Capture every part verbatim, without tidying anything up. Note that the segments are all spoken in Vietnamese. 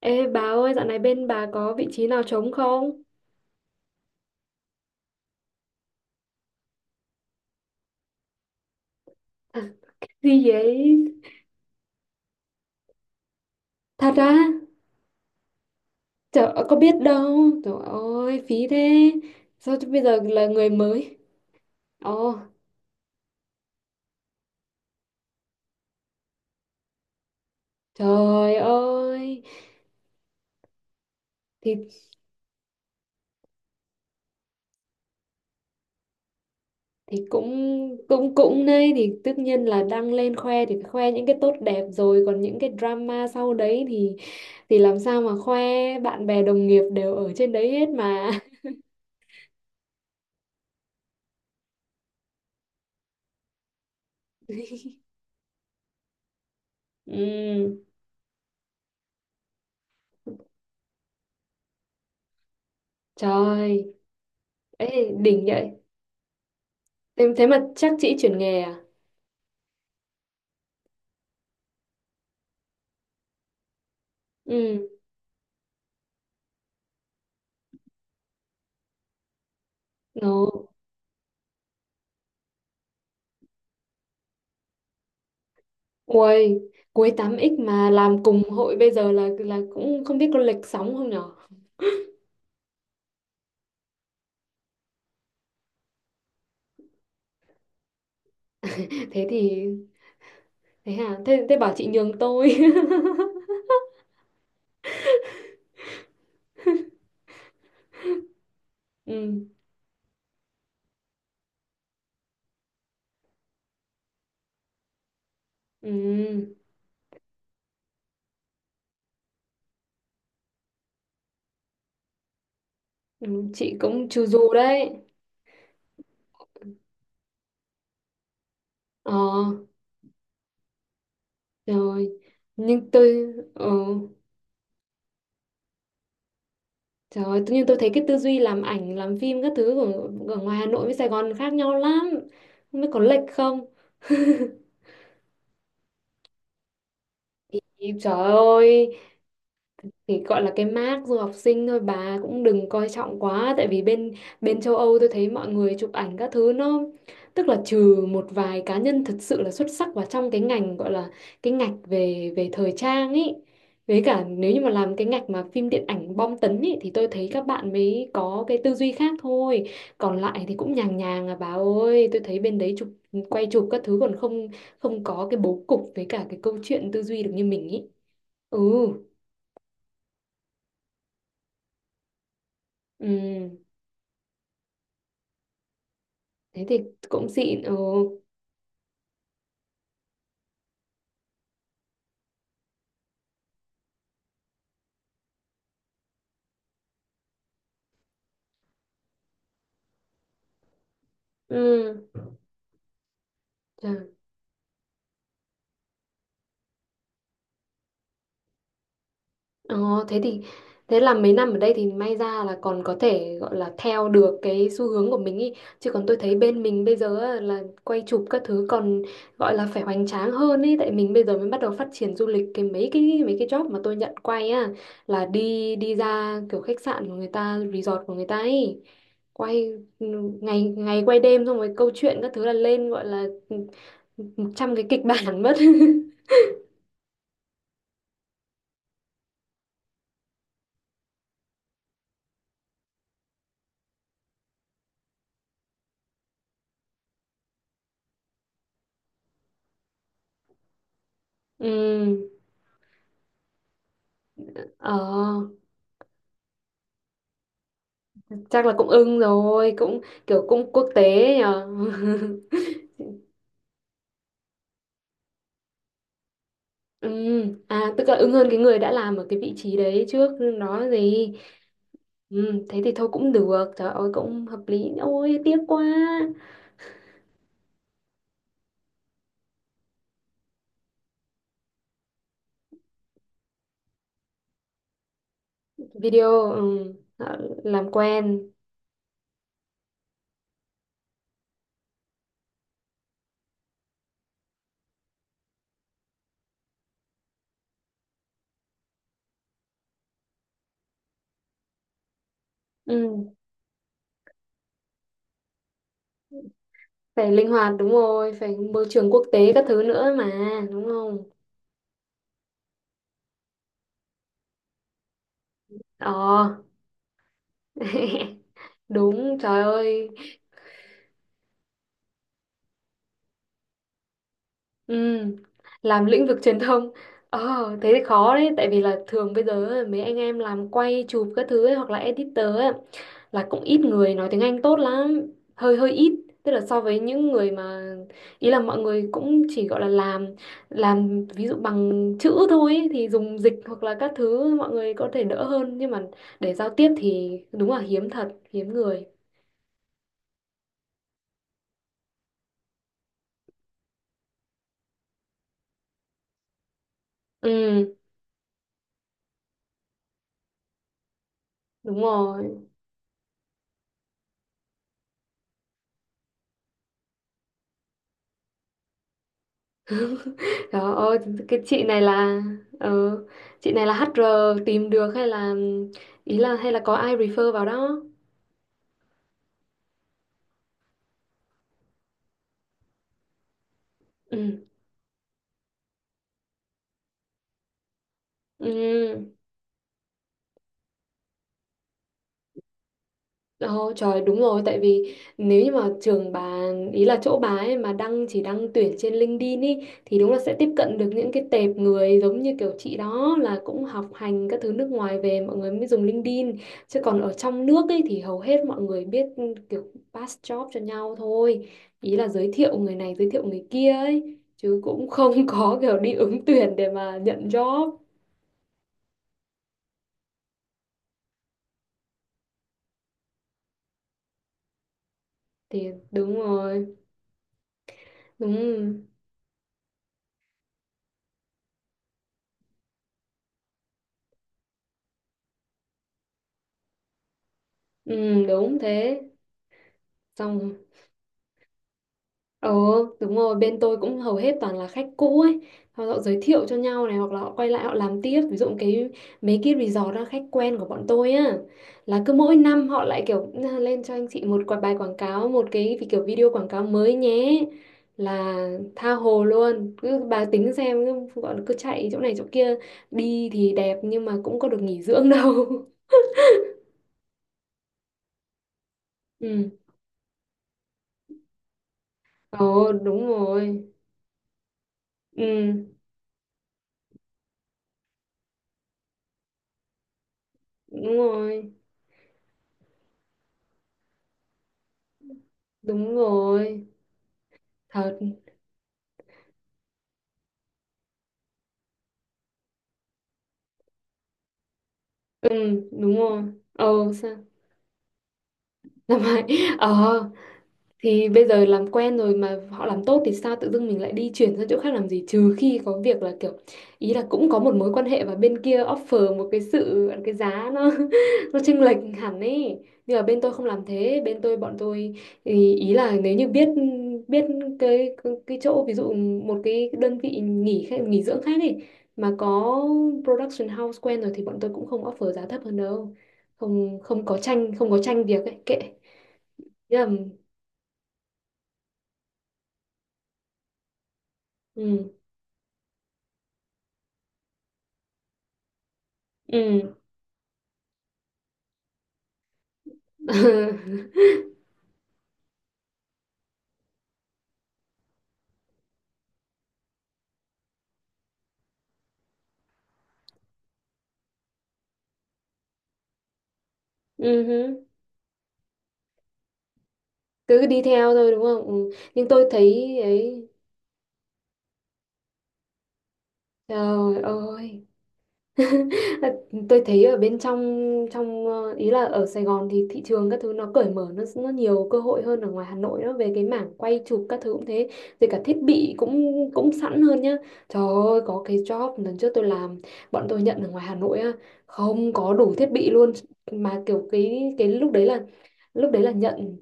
Ê bà ơi, dạo này bên bà có vị trí nào trống không? Gì vậy? Thật á? Trời ơi, có biết đâu. Trời ơi, phí thế. Sao chứ bây giờ là người mới? Ồ, trời ơi. Thì thì cũng cũng cũng đây thì tất nhiên là đăng lên khoe thì phải khoe những cái tốt đẹp rồi, còn những cái drama sau đấy thì thì làm sao mà khoe, bạn bè đồng nghiệp đều ở trên đấy hết mà. Ừ, trời. Ê, đỉnh vậy. Em thế mà chắc chị chuyển nghề à? Ừ. Nó… Ui, cuối tám x mà làm cùng hội bây giờ là là cũng không biết có lệch sóng không nhở? Thế thì thế hả? Thế thế bảo chị nhường tôi. Ừ. Ừ. Ừ, chị cũng chu du đấy. Ờ, rồi. Nhưng tôi ờ trời ơi, tự nhiên tôi thấy cái tư duy làm ảnh, làm phim các thứ của ở ngoài Hà Nội với Sài Gòn khác nhau lắm. Không biết có lệch không? Ý, trời ơi, thì gọi là cái mác du học sinh thôi, bà cũng đừng coi trọng quá, tại vì bên bên châu Âu tôi thấy mọi người chụp ảnh các thứ nó, tức là trừ một vài cá nhân thật sự là xuất sắc vào trong cái ngành, gọi là cái ngạch về về thời trang ấy, với cả nếu như mà làm cái ngạch mà phim điện ảnh bom tấn ấy thì tôi thấy các bạn mới có cái tư duy khác thôi, còn lại thì cũng nhàng nhàng à bà ơi. Tôi thấy bên đấy chụp quay chụp các thứ còn không không có cái bố cục với cả cái câu chuyện tư duy được như mình ý. Ừ. Ừ, thế thì cũng xịn. Ừ. Ừ. Chà. ờ, Thế thì thế là mấy năm ở đây thì may ra là còn có thể gọi là theo được cái xu hướng của mình ý, chứ còn tôi thấy bên mình bây giờ á, là quay chụp các thứ còn gọi là phải hoành tráng hơn ý, tại mình bây giờ mới bắt đầu phát triển du lịch. Cái mấy cái mấy cái job mà tôi nhận quay á là đi đi ra kiểu khách sạn của người ta, resort của người ta ấy, quay ừ, ngày ngày quay đêm, xong rồi câu chuyện các thứ là lên, gọi là ừ, một trăm cái kịch bản mất. Ừ, ờ, chắc là cũng ưng rồi, cũng kiểu cũng quốc tế nhờ. Ừ, à tức là ưng hơn cái người đã làm ở cái vị trí đấy trước đó gì. Ừ, thế thì thôi cũng được, trời ơi cũng hợp lý. Ôi tiếc quá. Video ừ, ờ, làm quen. Ừ, phải linh hoạt đúng rồi, phải môi trường quốc tế các thứ nữa mà, đúng không? Ờ. Đúng, trời ơi. Ừ, làm lĩnh vực truyền thông. Ờ, thế thì khó đấy, tại vì là thường bây giờ mấy anh em làm quay chụp các thứ ấy, hoặc là editor ấy, là cũng ít người nói tiếng Anh tốt lắm, hơi hơi ít, tức là so với những người mà, ý là mọi người cũng chỉ gọi là làm làm ví dụ bằng chữ thôi ấy, thì dùng dịch hoặc là các thứ mọi người có thể đỡ hơn, nhưng mà để giao tiếp thì đúng là hiếm, thật hiếm người. Ừ đúng rồi. Trời ơi, cái chị này là ờ, chị này là hát HR tìm được, hay là ý là hay là có ai refer vào đó? Ừ. Ừ. Ồ, trời đúng rồi, tại vì nếu như mà trường bà, ý là chỗ bà ấy mà đăng, chỉ đăng tuyển trên LinkedIn ý, thì đúng là sẽ tiếp cận được những cái tệp người giống như kiểu chị đó, là cũng học hành các thứ nước ngoài về, mọi người mới dùng LinkedIn. Chứ còn ở trong nước ấy thì hầu hết mọi người biết kiểu pass job cho nhau thôi, ý là giới thiệu người này giới thiệu người kia ấy, chứ cũng không có kiểu đi ứng tuyển để mà nhận job. Thì đúng rồi. Đúng. Ừ, đúng thế. Xong. Ờ đúng rồi, bên tôi cũng hầu hết toàn là khách cũ ấy, họ, họ giới thiệu cho nhau này, hoặc là họ quay lại họ làm tiếp. Ví dụ cái mấy cái resort đó khách quen của bọn tôi á, là cứ mỗi năm họ lại kiểu "Na, lên cho anh chị một quả bài quảng cáo, một cái vì kiểu video quảng cáo mới nhé", là tha hồ luôn, cứ bà tính xem, cứ, gọi là cứ chạy chỗ này chỗ kia. Đi thì đẹp nhưng mà cũng có được nghỉ dưỡng đâu. Ừ. Ồ đúng rồi. Ừ đúng rồi. Đúng rồi, thật. Ừ đúng rồi. Ờ sao. Làm hại. Ờ thì bây giờ làm quen rồi mà họ làm tốt thì sao tự dưng mình lại đi chuyển sang chỗ khác làm gì, trừ khi có việc là kiểu, ý là cũng có một mối quan hệ và bên kia offer một cái sự, cái giá nó nó chênh lệch hẳn ấy. Nhưng mà bên tôi không làm thế, bên tôi bọn tôi ý, ý là nếu như biết biết cái cái chỗ ví dụ một cái đơn vị nghỉ khách- nghỉ dưỡng khác ấy, mà có production house quen rồi, thì bọn tôi cũng không offer giá thấp hơn đâu. Không, không có tranh không có tranh việc ấy, kệ. Thế là, ừ. Ừ. Ừ hứ. Cứ đi theo thôi đúng không. Ừ. Nhưng tôi thấy ấy, trời ơi. Tôi thấy ở bên trong, trong ờ, ý là ở Sài Gòn thì thị trường các thứ nó cởi mở, nó nó nhiều cơ hội hơn ở ngoài Hà Nội đó, về cái mảng quay chụp các thứ cũng thế, rồi cả thiết bị cũng cũng sẵn hơn nhá. Trời ơi, có cái job lần trước tôi làm, bọn tôi nhận ở ngoài Hà Nội á, không có đủ thiết bị luôn, mà kiểu cái cái lúc đấy là, lúc đấy là nhận,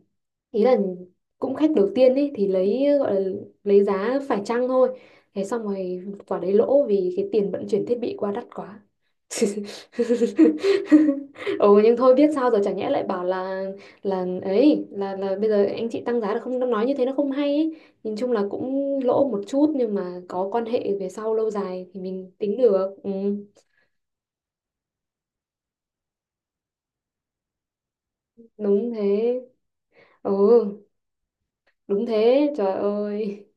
ý là cũng khách đầu tiên ấy thì lấy, gọi là lấy giá phải chăng thôi, thế xong rồi quả đấy lỗ vì cái tiền vận chuyển thiết bị qua đắt quá. Ồ nhưng thôi biết sao rồi, chả nhẽ lại bảo là là ấy là là bây giờ anh chị tăng giá được không, nó nói như thế nó không hay ấy. Nhìn chung là cũng lỗ một chút, nhưng mà có quan hệ về sau lâu dài thì mình tính được. Ừ, đúng thế. Ừ đúng thế, trời ơi.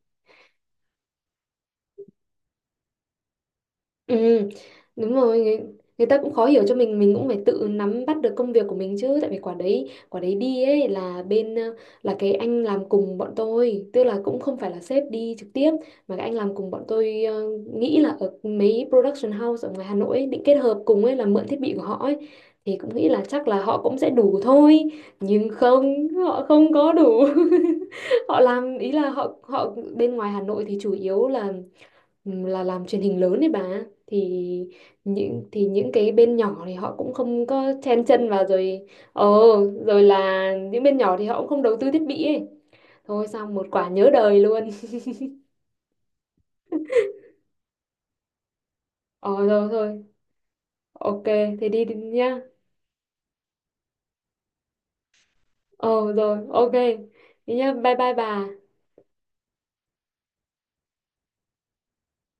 Ừ, đúng rồi. Người, người ta cũng khó hiểu cho mình mình cũng phải tự nắm bắt được công việc của mình chứ, tại vì quả đấy, quả đấy đi ấy là bên ờ, là cái anh làm cùng bọn tôi, tức là cũng không phải là sếp đi trực tiếp, mà cái anh làm cùng bọn tôi ờ, nghĩ là ở mấy production house ở ngoài Hà Nội ấy, định kết hợp cùng ấy, là mượn thiết bị của họ ấy, thì cũng nghĩ là chắc là họ cũng sẽ đủ thôi, nhưng không, họ không có đủ. Họ làm, ý là họ họ bên ngoài Hà Nội thì chủ yếu là là làm truyền hình lớn đấy bà, thì những, thì những cái bên nhỏ thì họ cũng không có chen chân vào rồi. Ờ rồi, là những bên nhỏ thì họ cũng không đầu tư thiết bị ấy, thôi xong một quả nhớ đời luôn. Ờ rồi thôi, ok. Thì đi, đi nhá. Ờ rồi, ok. Đi nhá, bye bye bà.